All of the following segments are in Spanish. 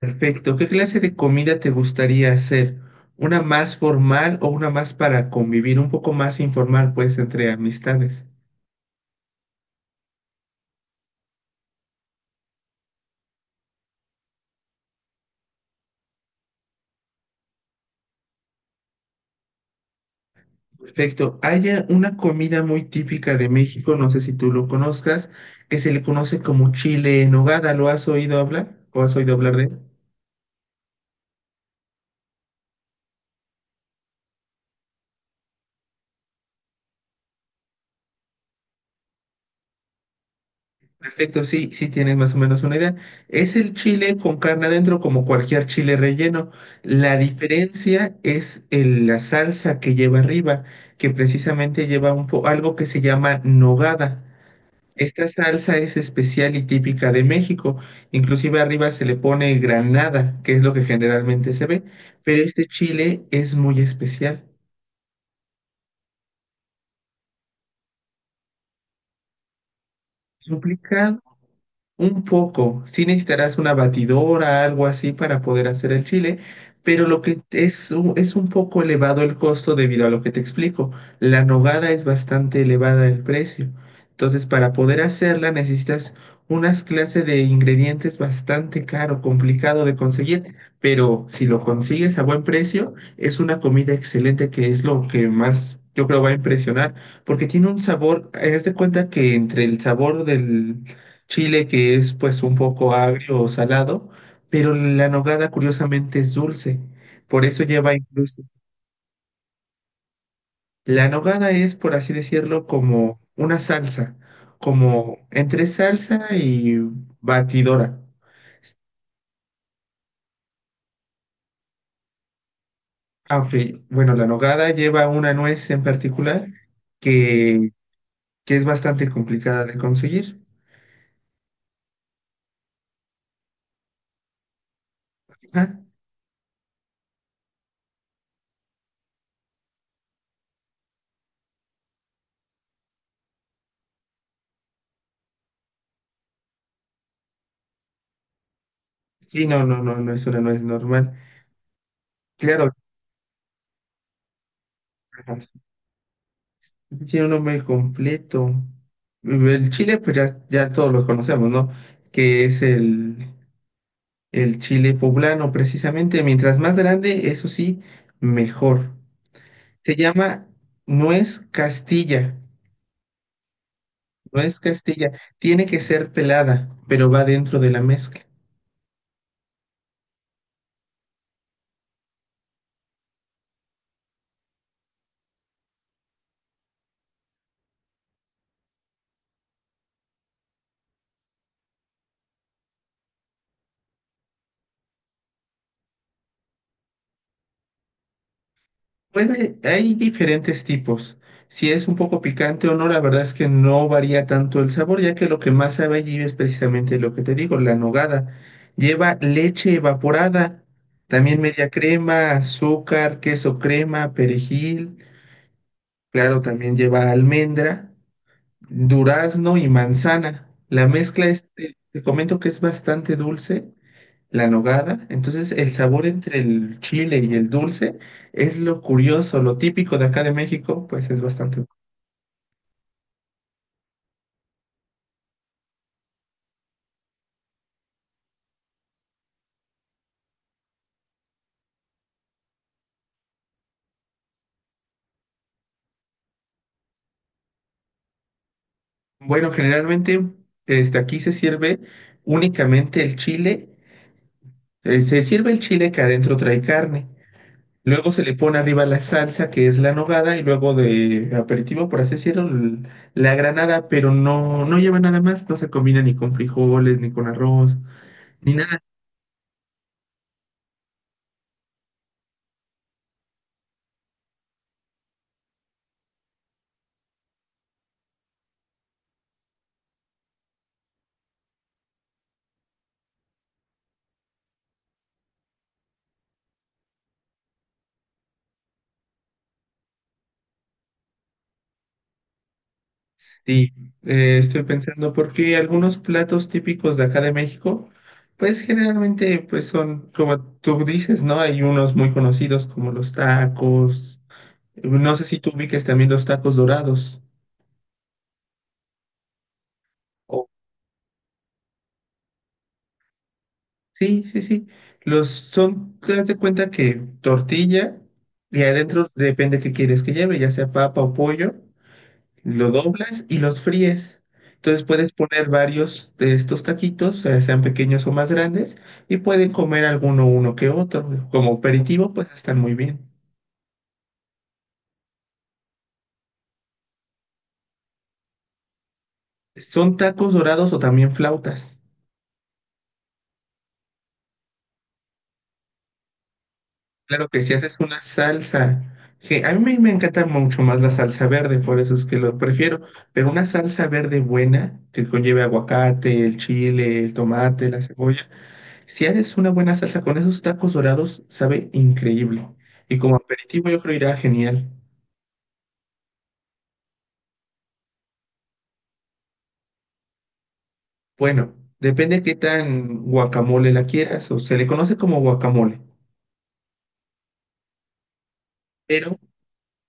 Perfecto. ¿Qué clase de comida te gustaría hacer? ¿Una más formal o una más para convivir, un poco más informal, pues, entre amistades? Perfecto. Hay una comida muy típica de México, no sé si tú lo conozcas, que se le conoce como chile en nogada. ¿Lo has oído hablar? ¿O has oído hablar de él? Perfecto, sí, sí tienes más o menos una idea. Es el chile con carne adentro como cualquier chile relleno. La diferencia es la salsa que lleva arriba, que precisamente lleva un algo que se llama nogada. Esta salsa es especial y típica de México. Inclusive arriba se le pone granada, que es lo que generalmente se ve, pero este chile es muy especial. Complicado un poco, sí, necesitarás una batidora, algo así para poder hacer el chile, pero lo que es, es un poco elevado el costo debido a lo que te explico. La nogada es bastante elevada el precio. Entonces, para poder hacerla necesitas unas clases de ingredientes bastante caro, complicado de conseguir, pero si lo consigues a buen precio, es una comida excelente que es lo que más yo creo va a impresionar, porque tiene un sabor, haz de cuenta que entre el sabor del chile, que es pues un poco agrio o salado, pero la nogada curiosamente es dulce. Por eso lleva incluso... La nogada es, por así decirlo, como una salsa, como entre salsa y batidora. Aunque, bueno, la nogada lleva una nuez en particular que, que es bastante complicada de conseguir. Ajá. Sí, no, no, no, no es una nuez normal. Claro, tiene un nombre completo. El chile, pues ya, ya todos lo conocemos, ¿no? Que es el chile poblano, precisamente. Mientras más grande, eso sí, mejor. Se llama nuez Castilla. Nuez Castilla. Tiene que ser pelada, pero va dentro de la mezcla. Bueno, hay diferentes tipos. Si es un poco picante o no, la verdad es que no varía tanto el sabor, ya que lo que más sabe allí es precisamente lo que te digo, la nogada. Lleva leche evaporada, también media crema, azúcar, queso crema, perejil. Claro, también lleva almendra, durazno y manzana. La mezcla es, te comento que es bastante dulce la nogada. Entonces, el sabor entre el chile y el dulce es lo curioso, lo típico de acá de México, pues es bastante bueno. Bueno, generalmente, este, aquí se sirve únicamente el chile. Se sirve el chile que adentro trae carne. Luego se le pone arriba la salsa, que es la nogada, y luego de aperitivo, por así decirlo, la granada, pero no, no lleva nada más, no se combina ni con frijoles, ni con arroz, ni nada. Sí, estoy pensando porque algunos platos típicos de acá de México, pues generalmente pues son como tú dices, ¿no? Hay unos muy conocidos como los tacos. No sé si tú ubiques también los tacos dorados. o- Sí, sí, sí. Los son, te das de cuenta que tortilla y adentro depende qué quieres que lleve, ya sea papa o pollo. Lo doblas y los fríes. Entonces puedes poner varios de estos taquitos, sean pequeños o más grandes, y pueden comer alguno uno que otro. Como aperitivo, pues están muy bien. Son tacos dorados o también flautas. Claro que si haces una salsa, que a mí me encanta mucho más la salsa verde, por eso es que lo prefiero, pero una salsa verde buena que conlleve aguacate, el chile, el tomate, la cebolla. Si haces una buena salsa con esos tacos dorados, sabe increíble. Y como aperitivo yo creo irá genial. Bueno, depende qué tan guacamole la quieras, o se le conoce como guacamole, pero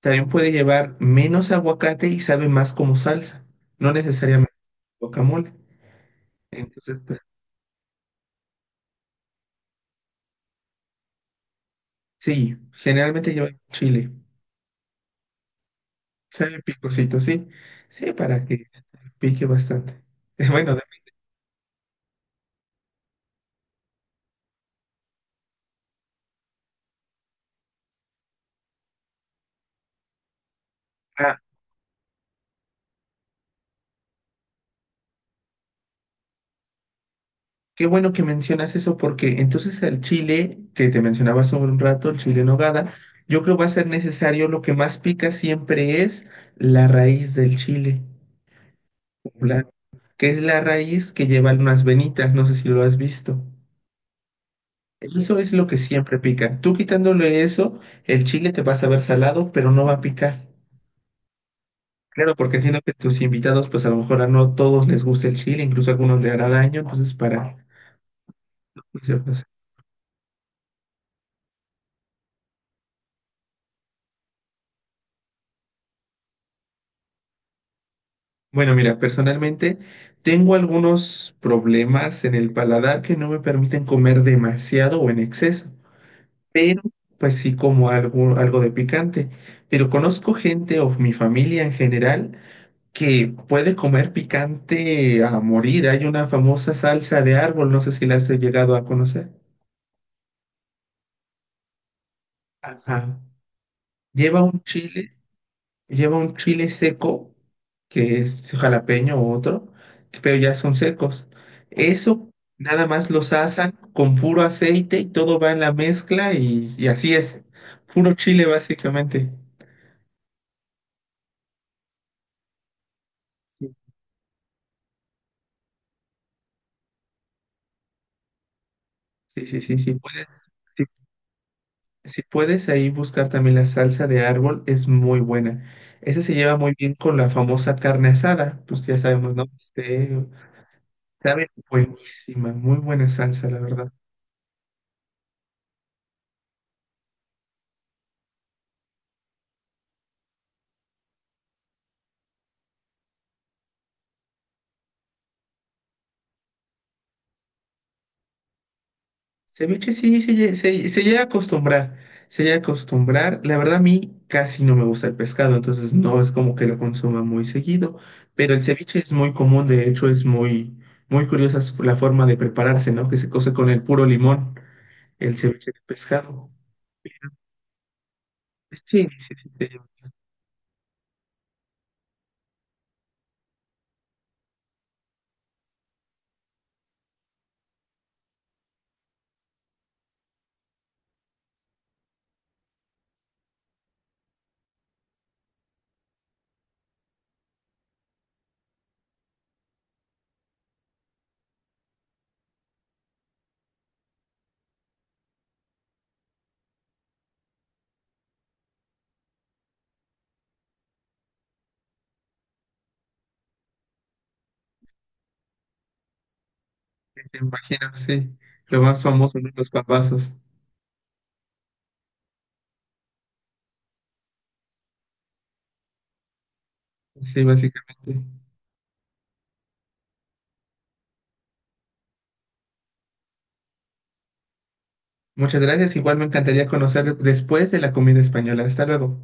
también puede llevar menos aguacate y sabe más como salsa, no necesariamente guacamole. Entonces, pues sí, generalmente lleva chile. Sabe picosito, sí. Sí, para que pique bastante. Bueno, ah, qué bueno que mencionas eso porque entonces el chile que te mencionaba hace un rato, el chile en nogada, yo creo va a ser necesario, lo que más pica siempre es la raíz del chile, la- que es la raíz que lleva unas venitas, no sé si lo has visto. Eso es lo que siempre pica. Tú quitándole eso, el chile te va a saber salado, pero no va a picar. Claro, porque entiendo que tus invitados, pues a lo mejor a no todos les gusta el chile, incluso a algunos le hará daño, entonces para... Bueno, mira, personalmente tengo algunos problemas en el paladar que no me permiten comer demasiado o en exceso, pero pues sí como algo, algo de picante. Pero conozco gente o mi familia en general que puede comer picante a morir. Hay una famosa salsa de árbol, no sé si la has llegado a conocer. Ajá. Lleva un chile. Lleva un chile seco, que es jalapeño u otro, pero ya son secos. Eso nada más los asan con puro aceite y todo va en la mezcla y así es. Puro chile básicamente. Sí. Sí, sí, sí, sí. Puedes, sí, si puedes ahí buscar también la salsa de árbol, es muy buena. Esa se lleva muy bien con la famosa carne asada, pues ya sabemos, ¿no? Este, sabe buenísima, muy buena salsa, la verdad. Ceviche sí, se, se llega a acostumbrar, se llega a acostumbrar. La verdad a mí casi no me gusta el pescado, entonces no es como que lo consuma muy seguido, pero el ceviche es muy común, de hecho es muy, muy curiosa la forma de prepararse, ¿no? Que se cose con el puro limón, el ceviche de pescado. Sí, sí, sí, te imagino, sí. Lo más famoso de los papazos. Sí, básicamente. Muchas gracias. Igual me encantaría conocer después de la comida española. Hasta luego.